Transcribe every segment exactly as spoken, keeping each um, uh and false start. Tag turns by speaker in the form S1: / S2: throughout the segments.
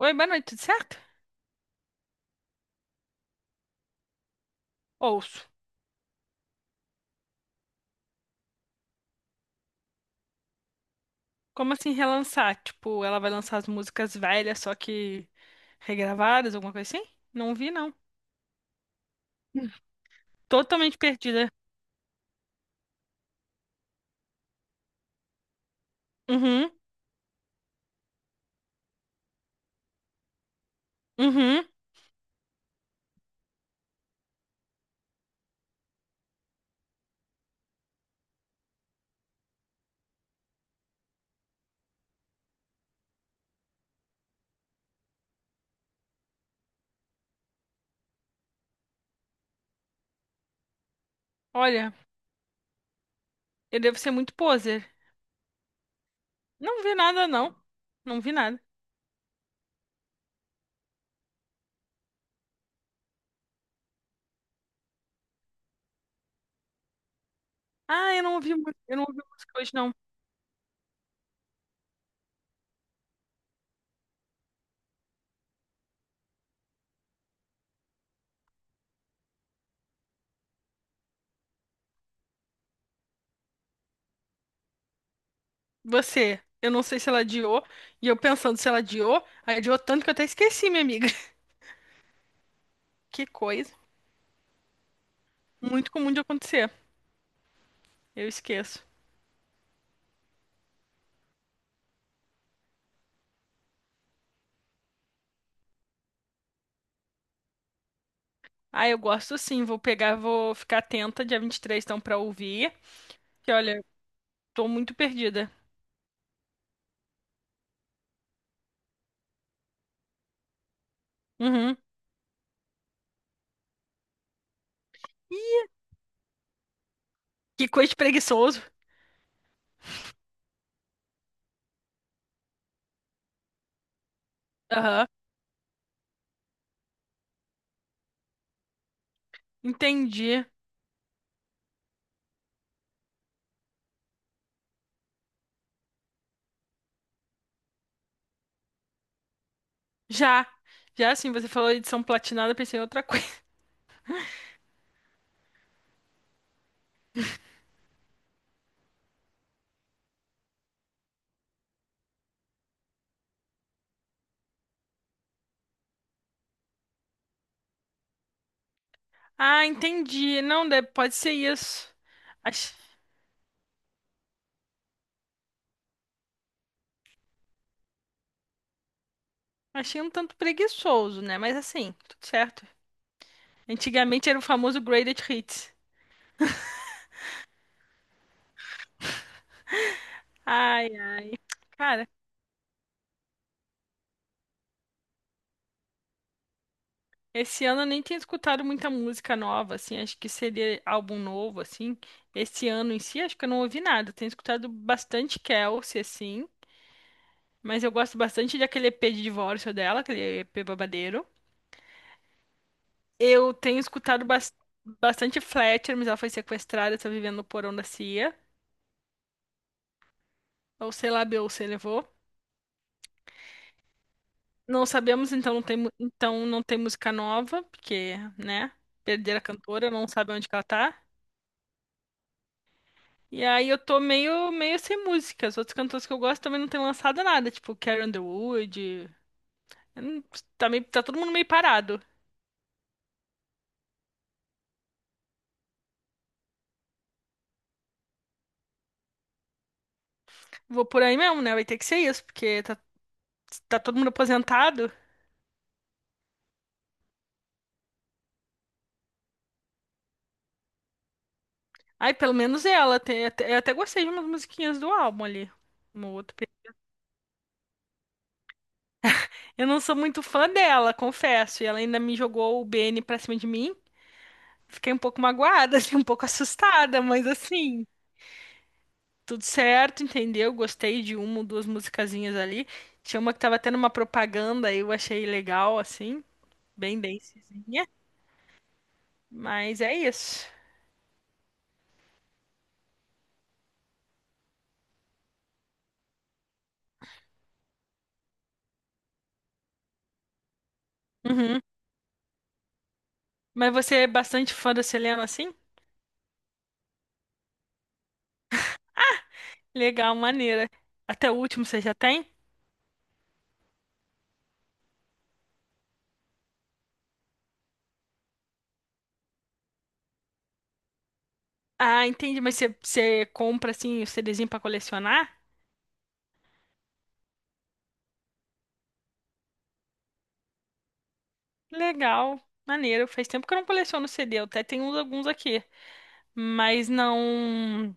S1: Oi, boa noite, tudo certo? Ouço. Como assim relançar? Tipo, ela vai lançar as músicas velhas, só que regravadas, alguma coisa assim? Não vi, não. Totalmente perdida. Uhum, uhum. Olha, eu devo ser muito poser. Não vi nada, não. Não vi nada. Ah, eu não ouvi, mu- eu não ouvi música hoje, não. Você, eu não sei se ela adiou, e eu pensando se ela adiou, aí adiou tanto que eu até esqueci, minha amiga. Que coisa. Muito comum de acontecer. Eu esqueço. Ah, eu gosto sim. Vou pegar, vou ficar atenta dia vinte e três, então, pra ouvir. Que olha, tô muito perdida. Uhum. Que coisa de preguiçoso. Aham. Entendi. Já. Já assim, você falou edição platinada, pensei em outra coisa. Ah, entendi. Não, deve- pode ser isso. Ach- Achei um tanto preguiçoso, né? Mas assim, tudo certo. Antigamente era o famoso Greatest Hits. Ai, cara. Esse ano eu nem tenho escutado muita música nova, assim, acho que seria álbum novo, assim. Esse ano em si, acho que eu não ouvi nada. Eu tenho escutado bastante Kelsey, assim, mas eu gosto bastante daquele E P de divórcio dela, aquele E P babadeiro. Eu tenho escutado bas- bastante Fletcher, mas ela foi sequestrada, está vivendo no porão da C I A. Ou sei lá, Beyoncé levou. Não sabemos, então não tem, mu- então não tem música nova, porque, né, perder a cantora, não sabe onde que ela tá. E aí eu tô meio, meio sem música. Os outros cantores que eu gosto também não têm lançado nada, tipo Carrie Underwood. Eu não- Tá, meio, tá todo mundo meio parado. Vou por aí mesmo, né? Vai ter que ser isso, porque tá, tá todo mundo aposentado. Ai, pelo menos ela. Tem, até- eu até gostei de umas musiquinhas do álbum ali. Uma ou outra. Eu não sou muito fã dela, confesso. E ela ainda me jogou o Benny pra cima de mim. Fiquei um pouco magoada, assim, um pouco assustada, mas assim. Tudo certo, entendeu? Gostei de uma ou duas musicazinhas ali. Tinha uma que tava tendo uma propaganda eu achei legal, assim, bem dancezinha. Mas é isso. Uhum. Mas você é bastante fã da Selena, assim? Legal, maneira. Até o último você já tem? Ah, entendi. Mas você, você compra, assim, o CDzinho pra colecionar? Legal, maneiro. Faz tempo que eu não coleciono C D. Eu até tenho uns- alguns aqui. Mas não.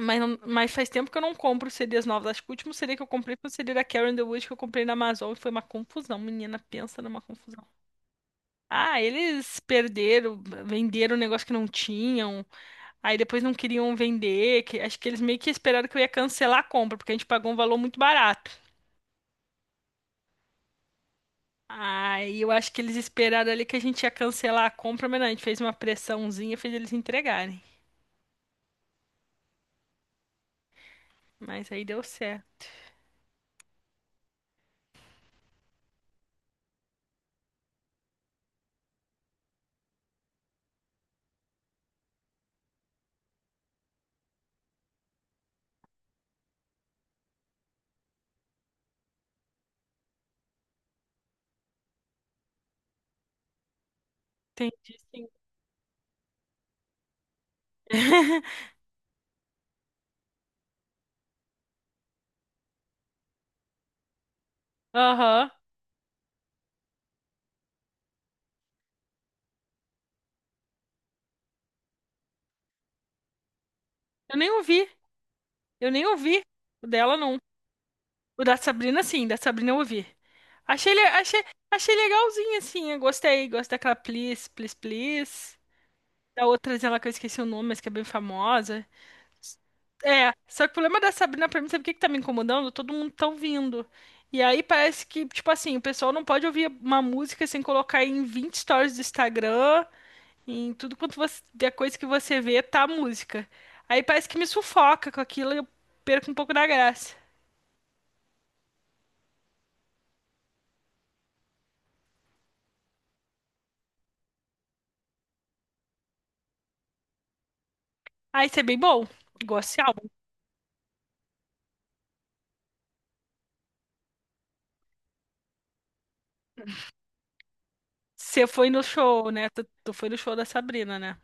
S1: Mas, não- mas faz tempo que eu não compro C Ds novos. Acho que o último C D que eu comprei foi o C D da Karen The que eu comprei na Amazon e foi uma confusão. Menina, pensa numa confusão. Ah, eles perderam, venderam um negócio que não tinham. Aí depois não queriam vender. que- acho que eles meio que esperaram que eu ia cancelar a compra, porque a gente pagou um valor muito barato. Aí eu acho que eles esperaram ali que a gente ia cancelar a compra, mas não, a gente fez uma pressãozinha, fez eles entregarem. Mas aí deu certo. Entendi, sim. Aham. Eu nem ouvi. Eu nem ouvi. O dela não. O da Sabrina, sim, da Sabrina eu ouvi. Achei, le- achei, achei legalzinho, assim. Eu gostei. Gosto daquela Please, Please, Please. Da outra ela que eu esqueci o nome, mas que é bem famosa. É, só que o problema da Sabrina pra mim, sabe o que que tá me incomodando? Todo mundo tá ouvindo. E aí parece que, tipo assim, o pessoal não pode ouvir uma música sem colocar em vinte stories do Instagram, em tudo quanto você, a coisa que você vê, tá a música. Aí parece que me sufoca com aquilo e eu perco um pouco da graça. Ah, isso é bem bom. Igual esse álbum. Você foi no show, né? Tu, tu foi no show da Sabrina, né?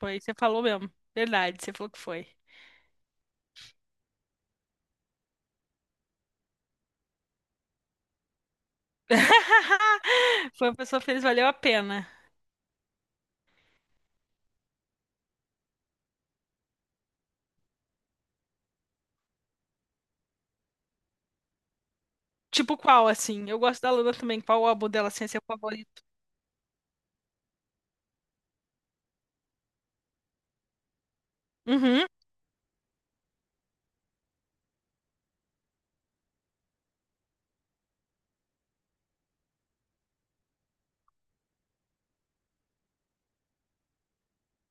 S1: Foi, você falou mesmo. Verdade, você falou que foi. Foi uma pessoa feliz, valeu a pena. Tipo qual, assim? Eu gosto da Luna também. Qual o álbum dela, assim, é seu favorito? Uhum.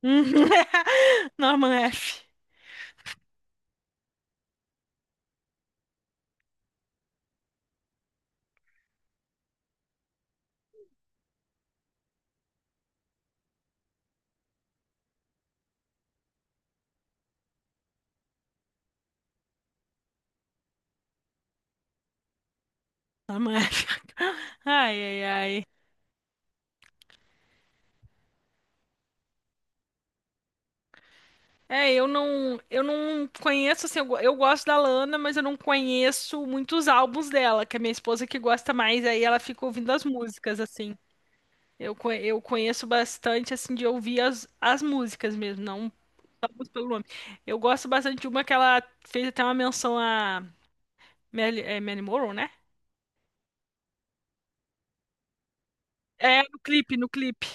S1: Uhum. Norman F. Norman F. Ai, ai, ai. É, eu não, eu não conheço, assim, eu, go- eu gosto da Lana, mas eu não conheço muitos álbuns dela, que a minha esposa que gosta mais, aí ela fica ouvindo as músicas, assim. Eu, conhe- eu conheço bastante, assim, de ouvir as, as músicas mesmo, não a música pelo nome. Eu gosto bastante de uma que ela fez até uma menção a Mel- é, Marilyn Monroe, né? É, no clipe, no clipe.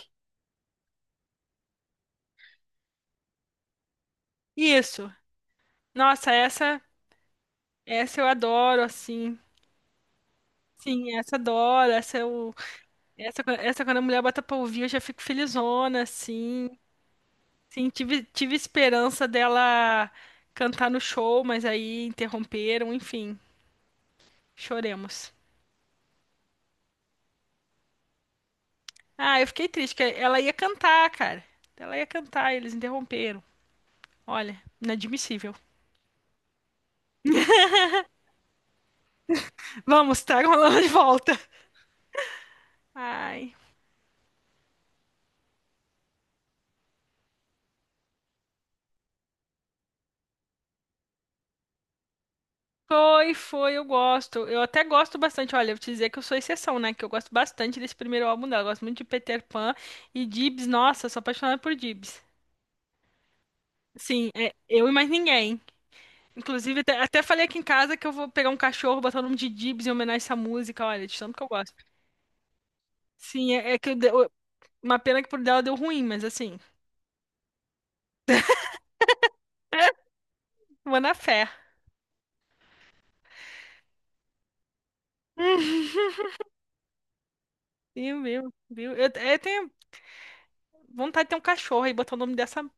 S1: Isso. Nossa, essa, essa eu adoro, assim. Sim, essa eu adoro, essa eu... Essa, essa quando a mulher bota pra ouvir, eu já fico felizona, assim. Sim, tive, tive esperança dela cantar no show, mas aí interromperam, enfim. Choremos. Ah, eu fiquei triste, que ela ia cantar, cara. Ela ia cantar, e eles interromperam. Olha, inadmissível. Vamos, tragam ela de volta. Ai. Foi, foi, eu gosto. Eu até gosto bastante. Olha, eu vou te dizer que eu sou exceção, né? Que eu gosto bastante desse primeiro álbum dela. Eu gosto muito de Peter Pan e Dibs. Nossa, sou apaixonada por Dibs. Sim, é eu e mais ninguém. Inclusive, até, até falei aqui em casa que eu vou pegar um cachorro, botar o nome de Dibs em homenagem a essa música. Olha, de tanto que eu gosto. Sim, é, é que eu, dei- uma pena que por dela deu ruim, mas assim, vou na fé. Viu, viu, viu? Eu, é, eu tenho vontade de ter um cachorro e botar o nome dessa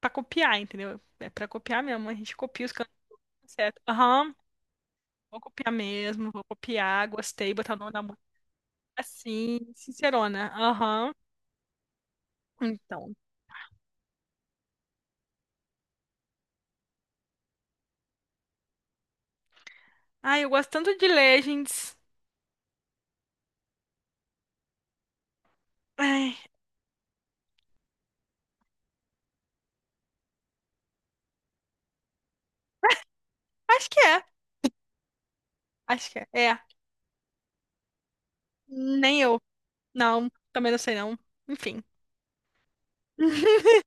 S1: pra copiar, entendeu? É pra copiar mesmo, a gente copia os cantos certo. Aham, vou copiar mesmo, vou copiar, gostei, botar o nome da música assim, sincerona. Aham, então. Ai, eu gosto tanto de Legends. Ai, acho que é, acho que é. É, nem eu. Não, também não sei não. Enfim.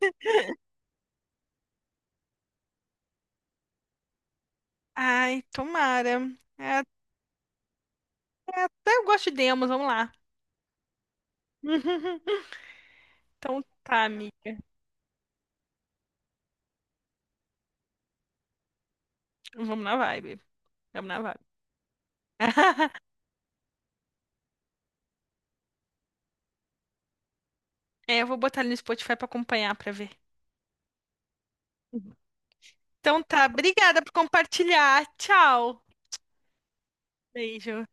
S1: Ai, tomara. É, até, até eu gosto de demos, vamos lá. Então tá, amiga. Vamos na vibe. Vamos na vibe. É, eu vou botar ali no Spotify pra acompanhar, pra ver. Então tá, obrigada por compartilhar. Tchau. Beijo.